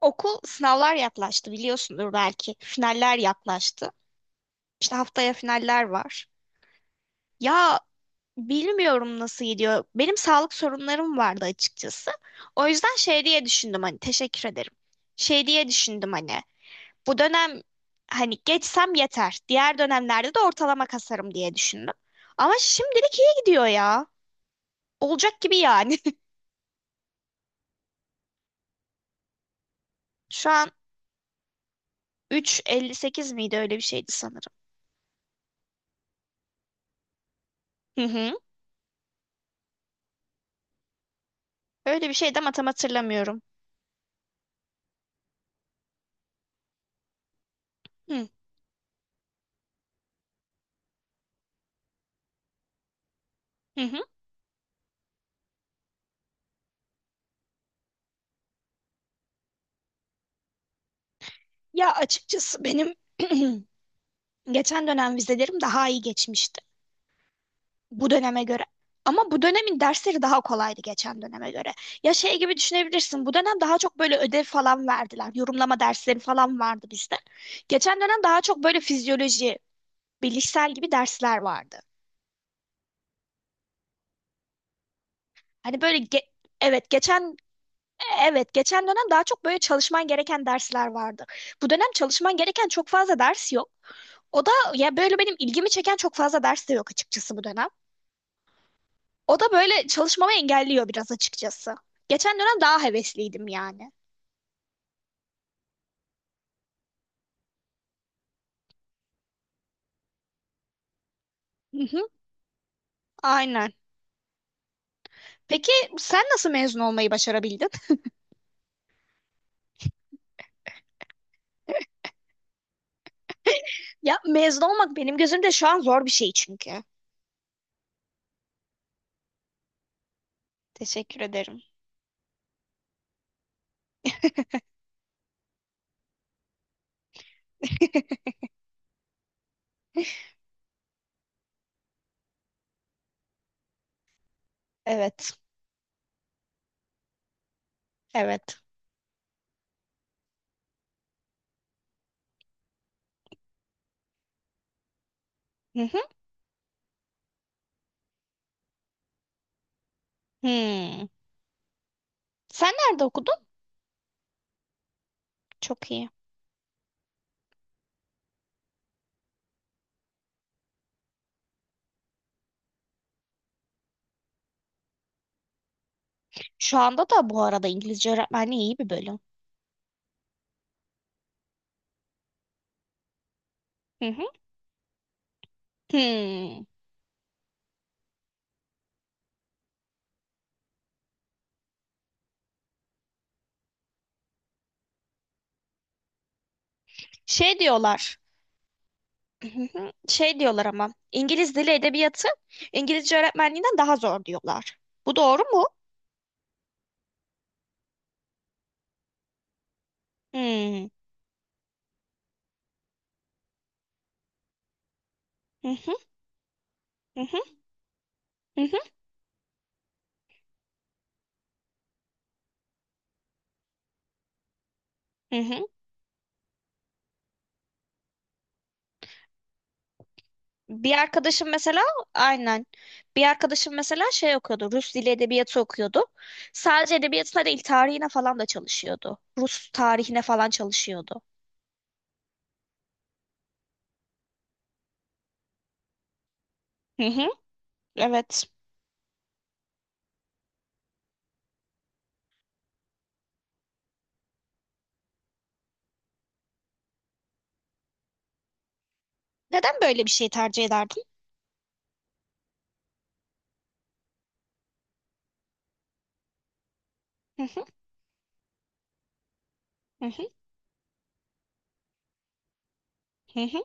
Okul sınavlar yaklaştı biliyorsundur belki. Finaller yaklaştı. İşte haftaya finaller var. Ya bilmiyorum nasıl gidiyor. Benim sağlık sorunlarım vardı açıkçası. O yüzden şey diye düşündüm hani teşekkür ederim. Şey diye düşündüm hani bu dönem hani geçsem yeter. Diğer dönemlerde de ortalama kasarım diye düşündüm. Ama şimdilik iyi gidiyor ya. Olacak gibi yani. Şu an 3.58 miydi öyle bir şeydi sanırım. Hı hı. Öyle bir şeydi ama tam hatırlamıyorum. Hı. Hı hı. Ya açıkçası benim geçen dönem vizelerim daha iyi geçmişti bu döneme göre. Ama bu dönemin dersleri daha kolaydı geçen döneme göre. Ya şey gibi düşünebilirsin. Bu dönem daha çok böyle ödev falan verdiler. Yorumlama dersleri falan vardı bizde. Geçen dönem daha çok böyle fizyoloji, bilişsel gibi dersler vardı. Hani böyle evet geçen evet geçen dönem daha çok böyle çalışman gereken dersler vardı. Bu dönem çalışman gereken çok fazla ders yok. O da ya böyle benim ilgimi çeken çok fazla ders de yok açıkçası bu dönem. O da böyle çalışmamı engelliyor biraz açıkçası. Geçen dönem daha hevesliydim yani. Hı hı, aynen. Peki sen nasıl mezun olmayı başarabildin? Ya mezun olmak benim gözümde şu an zor bir şey çünkü. Teşekkür ederim. Evet, evet. Hı hı. Hmm. Sen nerede okudun? Çok iyi. Şu anda da bu arada İngilizce öğretmenliği iyi bir bölüm. Hı hı. Hmm. Şey diyorlar. Hı hı. Şey diyorlar ama İngiliz dili edebiyatı İngilizce öğretmenliğinden daha zor diyorlar. Bu doğru mu? Hmm. Hı hı, hı hı, hı hı, hı hı. Bir arkadaşım mesela aynen. Bir arkadaşım mesela şey okuyordu. Rus dili edebiyatı okuyordu. Sadece edebiyatına değil tarihine falan da çalışıyordu. Rus tarihine falan çalışıyordu. Hı hı, evet. Neden böyle bir şey tercih ederdin? Hı hı, hı hı, hı hı,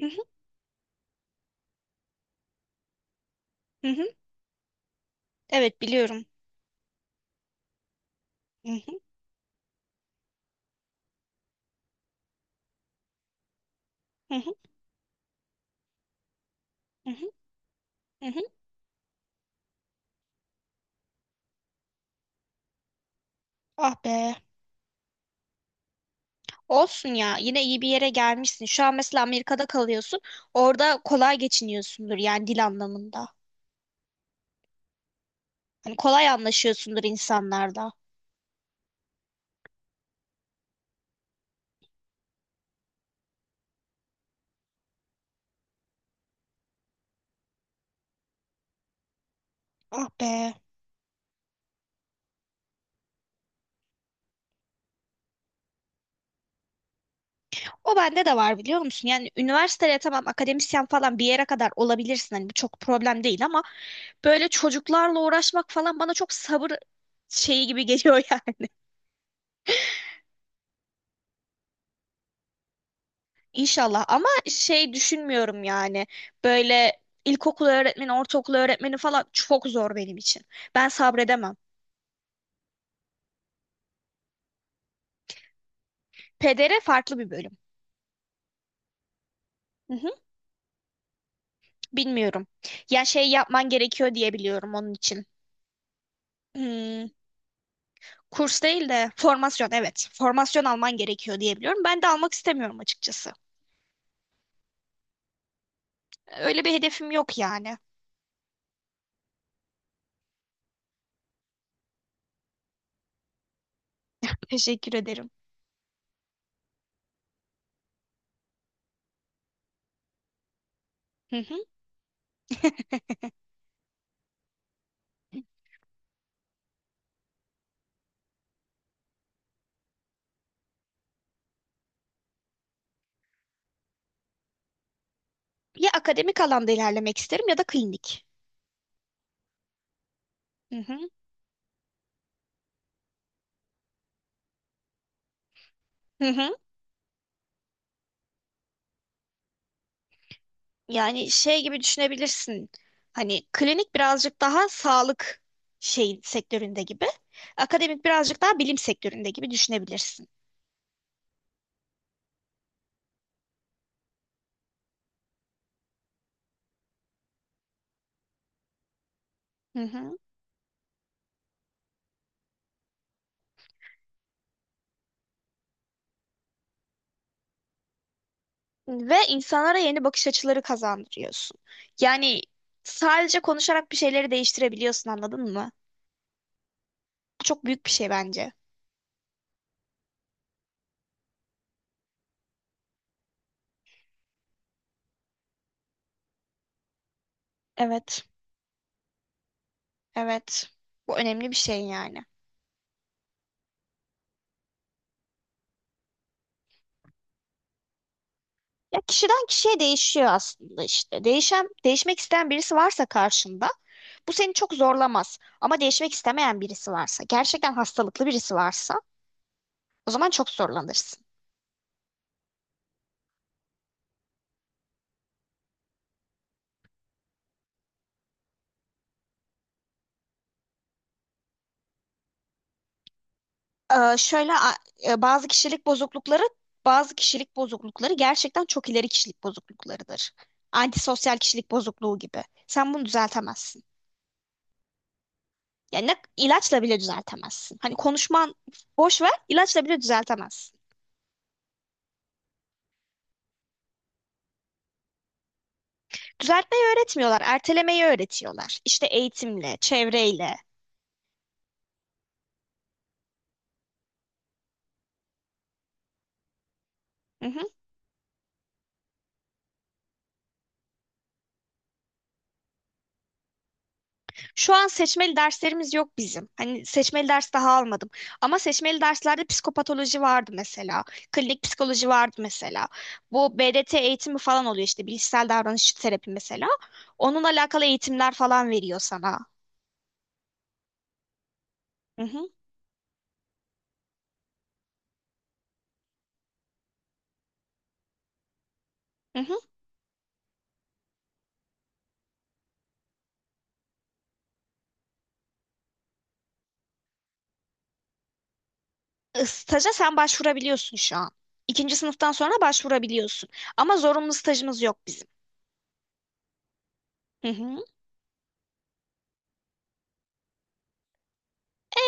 hı hı, hı hı. Evet biliyorum. Hı hı, hı hı, hı hı, hı hı. Ah be. Olsun ya yine iyi bir yere gelmişsin. Şu an mesela Amerika'da kalıyorsun. Orada kolay geçiniyorsundur yani dil anlamında. Hani kolay anlaşıyorsundur insanlarda. Ah be. O bende de var biliyor musun? Yani üniversiteye tamam akademisyen falan bir yere kadar olabilirsin. Hani bu çok problem değil ama böyle çocuklarla uğraşmak falan bana çok sabır şeyi gibi geliyor yani. İnşallah ama şey düşünmüyorum yani. Böyle ilkokul öğretmeni, ortaokul öğretmeni falan çok zor benim için. Ben sabredemem. Pedere farklı bir bölüm. Hı hı, bilmiyorum. Ya şey yapman gerekiyor diye biliyorum onun için. Hmm, kurs değil de formasyon evet. Formasyon alman gerekiyor diye biliyorum. Ben de almak istemiyorum açıkçası. Öyle bir hedefim yok yani. Teşekkür ederim. Hı hı. Ya akademik alanda ilerlemek isterim ya da klinik. Hı hı. Hı hı. Yani şey gibi düşünebilirsin. Hani klinik birazcık daha sağlık şey sektöründe gibi. Akademik birazcık daha bilim sektöründe gibi düşünebilirsin. Hı hı. Ve insanlara yeni bakış açıları kazandırıyorsun. Yani sadece konuşarak bir şeyleri değiştirebiliyorsun, anladın mı? Bu çok büyük bir şey bence. Evet, evet. Bu önemli bir şey yani. Ya kişiden kişiye değişiyor aslında işte. Değişen, değişmek isteyen birisi varsa karşında bu seni çok zorlamaz. Ama değişmek istemeyen birisi varsa, gerçekten hastalıklı birisi varsa o zaman çok zorlanırsın. Şöyle bazı kişilik bozuklukları gerçekten çok ileri kişilik bozukluklarıdır. Antisosyal kişilik bozukluğu gibi. Sen bunu düzeltemezsin. Yani ilaçla bile düzeltemezsin. Hani konuşman boş ver, ilaçla bile düzeltemezsin. Düzeltmeyi öğretmiyorlar, ertelemeyi öğretiyorlar. İşte eğitimle, çevreyle. Mhm. Şu an seçmeli derslerimiz yok bizim. Hani seçmeli ders daha almadım. Ama seçmeli derslerde psikopatoloji vardı mesela. Klinik psikoloji vardı mesela. Bu BDT eğitimi falan oluyor işte bilişsel davranış terapi mesela. Onunla alakalı eğitimler falan veriyor sana. Hı hı, hı hı. Staja sen başvurabiliyorsun şu an. İkinci sınıftan sonra başvurabiliyorsun. Ama zorunlu stajımız yok bizim. Hı hı.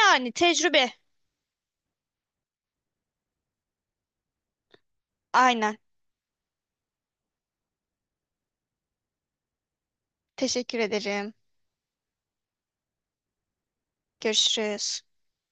Yani tecrübe. Aynen. Teşekkür ederim. Görüşürüz.